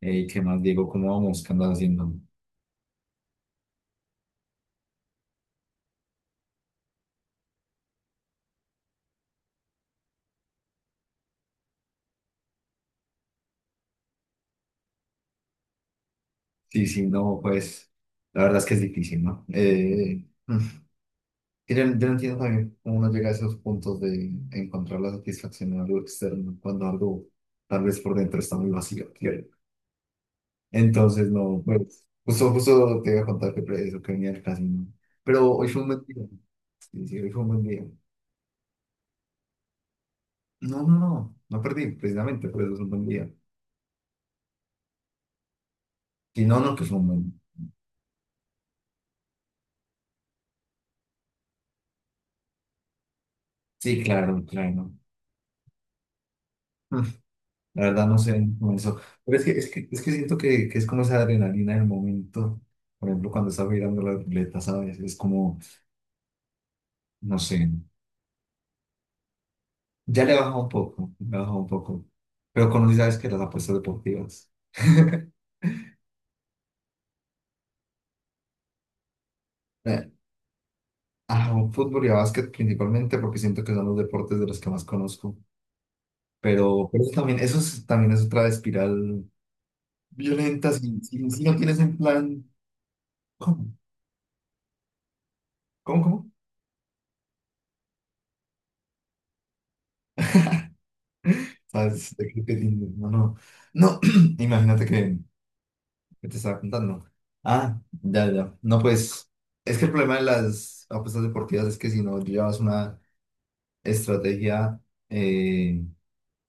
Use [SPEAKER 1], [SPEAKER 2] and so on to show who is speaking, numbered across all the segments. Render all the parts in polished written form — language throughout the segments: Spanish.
[SPEAKER 1] ¿Qué más, Diego? ¿Cómo vamos? ¿Qué andas haciendo? Sí, sí, no, pues la verdad es que es difícil, ¿no? Yo no entiendo también cómo uno llega a esos puntos de encontrar la satisfacción en algo externo cuando algo tal vez por dentro está muy vacío, ¿cierto? Entonces, no, pues justo te iba a contar que eso que venía al casino. Pero hoy fue un buen día. Sí, sí, hoy fue un buen día. No, no, no, no perdí, precisamente, por eso es un buen día. Si no, no, que fue un buen. Sí, claro, claro. La verdad no sé cómo eso. Pero es que siento que es como esa adrenalina del momento. Por ejemplo, cuando estaba mirando la ruleta, ¿sabes? Es como, no sé. Ya le he bajado un poco, le he bajado un poco. Pero conocí, ¿sabes que las apuestas deportivas? Eh, A fútbol y a básquet principalmente porque siento que son los deportes de los que más conozco. Pero eso también, eso es, también es otra espiral violenta si no tienes un plan. ¿Cómo? ¿Cómo? ¿Cómo? ¿Sabes? No, no. No, imagínate que, ¿qué te estaba contando? Ah, ya, ya. No, pues es que el problema de las apuestas deportivas es que si no llevas una estrategia eh,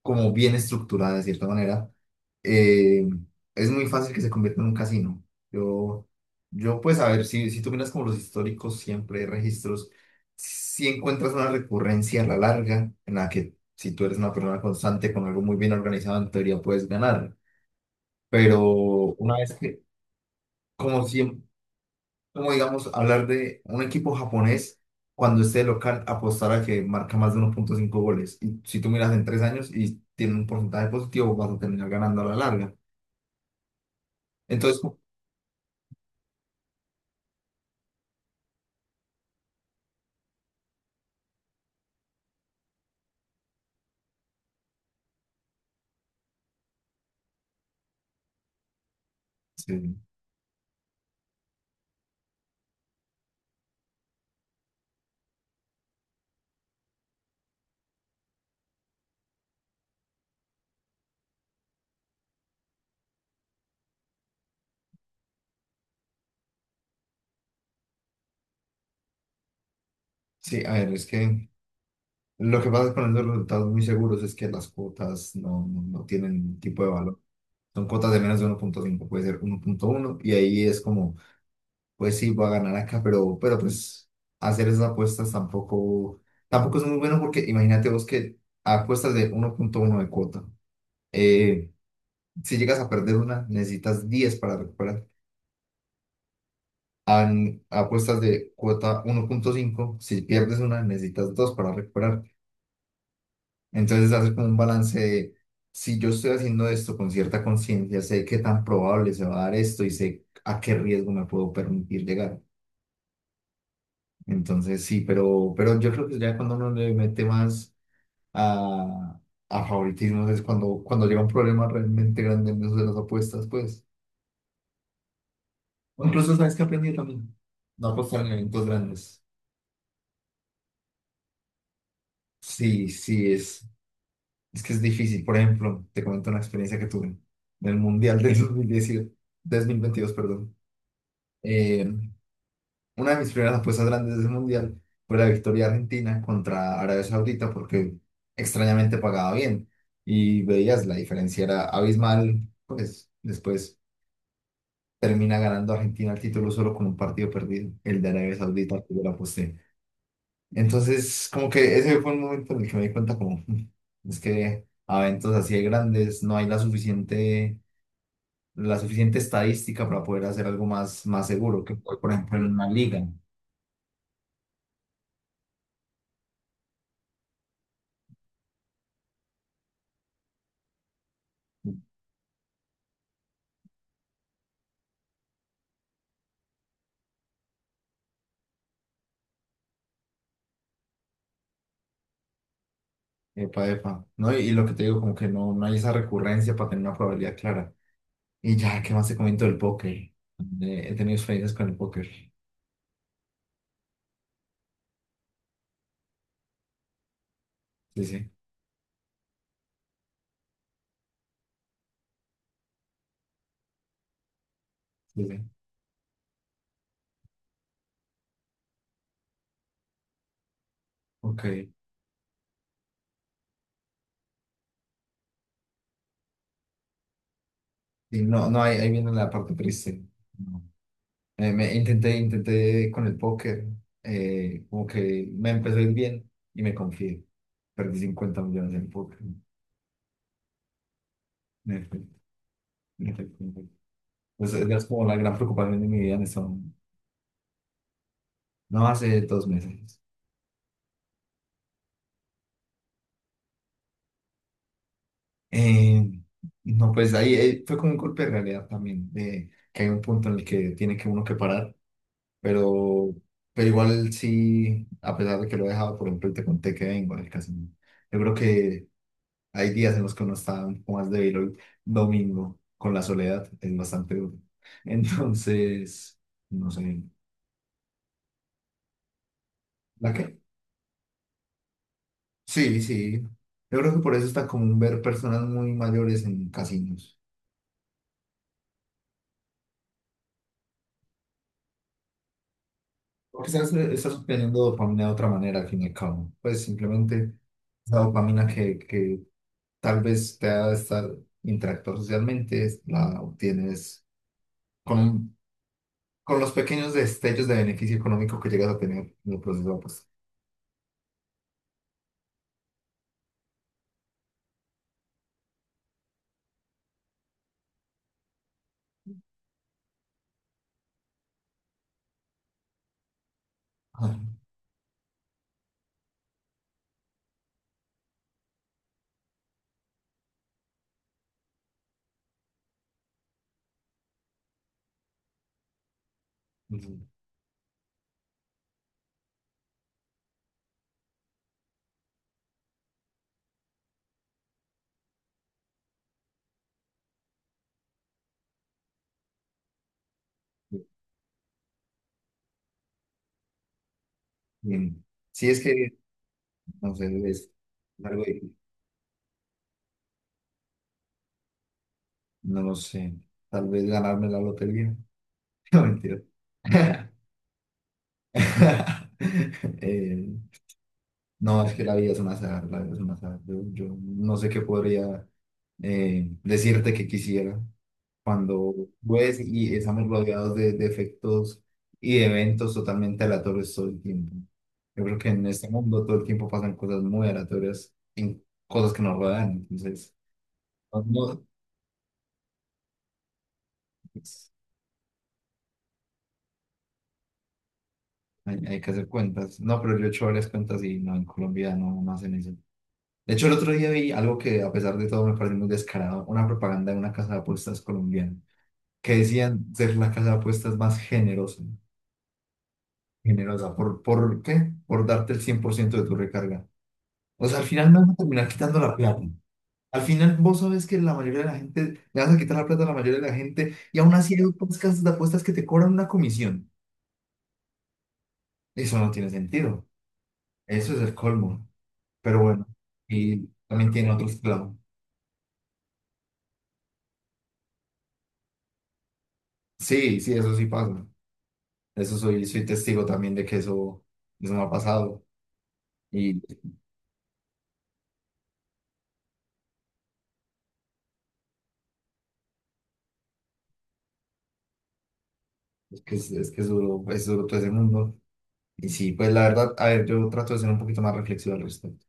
[SPEAKER 1] como bien estructurada de cierta manera, eh, es muy fácil que se convierta en un casino. Yo, yo pues a ver, si tú miras como los históricos siempre hay registros, si encuentras una recurrencia a la larga en la que si tú eres una persona constante con algo muy bien organizado, en teoría puedes ganar. Pero una vez que, como siempre, como digamos, hablar de un equipo japonés cuando esté local, apostar a que marca más de 1.5 goles. Y si tú miras en 3 años y tiene un porcentaje positivo, vas a terminar ganando a la larga. Entonces, pues, sí, sí, a ver, es que lo que pasa con esos resultados muy seguros es que las cuotas no tienen tipo de valor. Son cuotas de menos de 1.5, puede ser 1.1, y ahí es como pues sí, voy a ganar acá, pero pues hacer esas apuestas tampoco, tampoco es muy bueno porque imagínate vos que apuestas de 1.1 de cuota. Eh, si llegas a perder una, necesitas 10 para recuperar. Apuestas de cuota 1.5, si pierdes una, necesitas 2 para recuperar. Entonces hacer como un balance de, si yo estoy haciendo esto con cierta conciencia, sé qué tan probable se va a dar esto y sé a qué riesgo me puedo permitir llegar. Entonces sí, pero yo creo que ya cuando uno le mete más a, a favoritismos es cuando, cuando llega un problema realmente grande en eso de las apuestas, pues. O incluso sabes que aprendí también. No apostar en eventos grandes. Sí, sí, es que es difícil. Por ejemplo, te comento una experiencia que tuve en el Mundial de 2010, 2022, perdón. Eh, Una de mis primeras apuestas grandes del Mundial fue la victoria argentina contra Arabia Saudita porque extrañamente pagaba bien y veías la diferencia era abismal, pues después termina ganando Argentina el título solo con un partido perdido, el de Arabia Saudita, que yo la aposté. Entonces, como que ese fue un momento en el que me di cuenta como, es que a eventos así de grandes no hay la suficiente estadística para poder hacer algo más, más seguro que, por ejemplo, en una liga. Epa, epa. No, y lo que te digo, como que no, no hay esa recurrencia para tener una probabilidad clara. Y ya, ¿qué más te comento del póker? He tenido experiencias con el póker. Sí, sí, sí, sí. Ok. Y no, no, ahí viene la parte triste. No. Me intenté con el póker. Como que me empezó a ir bien y me confié. Perdí 50 millones en póker. En efecto, en efecto, en efecto. Pues esa es como la gran preocupación de mi vida en eso. No hace 2 meses. Eh, no, pues ahí, fue como un golpe de realidad también, de que hay un punto en el que tiene que uno que parar, pero, pero igual sí, a pesar de que lo he dejado, por ejemplo, y te conté que vengo del casino, yo creo que hay días en los que uno está un poco más débil hoy, domingo, con la soledad, es bastante duro. Entonces, no sé, ¿la qué? Sí, sí, yo creo que por eso está común ver personas muy mayores en casinos. Porque estás obteniendo dopamina de otra manera, al fin y al cabo. Pues simplemente la dopamina que tal vez te ha de estar interactuar socialmente, la obtienes con, con los pequeños destellos de beneficio económico que llegas a tener en el proceso. Pues. Ah, ujú. Bien. Sí, es que, no sé, es algo difícil. No lo sé. Tal vez ganarme la lotería. No, mentira. Eh, No, es que la vida es una azar, la vida es un azar. Yo no sé qué podría decirte que quisiera cuando ves y estamos rodeados de efectos y de eventos totalmente aleatorios todo el tiempo. Yo creo que en este mundo todo el tiempo pasan cosas muy aleatorias en cosas que nos rodean. Entonces, no, no, pues, hay que hacer cuentas. No, pero yo he hecho varias cuentas y no, en Colombia no, no hacen eso. De hecho, el otro día vi algo que a pesar de todo me parece muy descarado, una propaganda de una casa de apuestas colombiana que decían ser la casa de apuestas más generosa, generosa. Por qué? Por darte el 100% de tu recarga. O sea, al final me van a terminar quitando la plata. Al final vos sabes que la mayoría de la gente, le vas a quitar la plata a la mayoría de la gente y aún así hay otras casas de apuestas que te cobran una comisión. Eso no tiene sentido. Eso es el colmo. Pero bueno, y también tiene otros clavos. Sí, sí, eso sí pasa. Eso soy, soy testigo también de que eso me ha pasado. Y es que es duro todo ese mundo. Y sí, pues la verdad, a ver, yo trato de ser un poquito más reflexivo al respecto.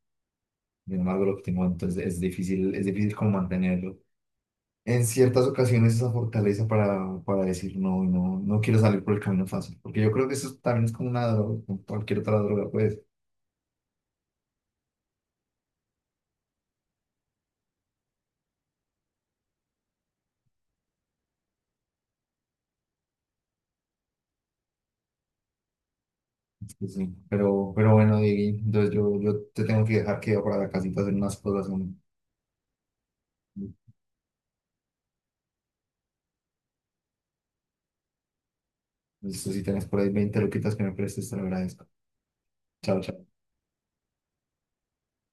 [SPEAKER 1] Sin embargo, lo que tengo entonces es difícil como mantenerlo. En ciertas ocasiones esa fortaleza para decir no, no, no quiero salir por el camino fácil. Porque yo creo que eso también es como una droga, como cualquier otra droga, pues. Sí, sí. Pero bueno, Diego, entonces yo te tengo que dejar que yo para la casita a hacer unas cosas. Listo, si tenés por ahí 20 loquitas que me prestes, te lo agradezco. Chao, chao.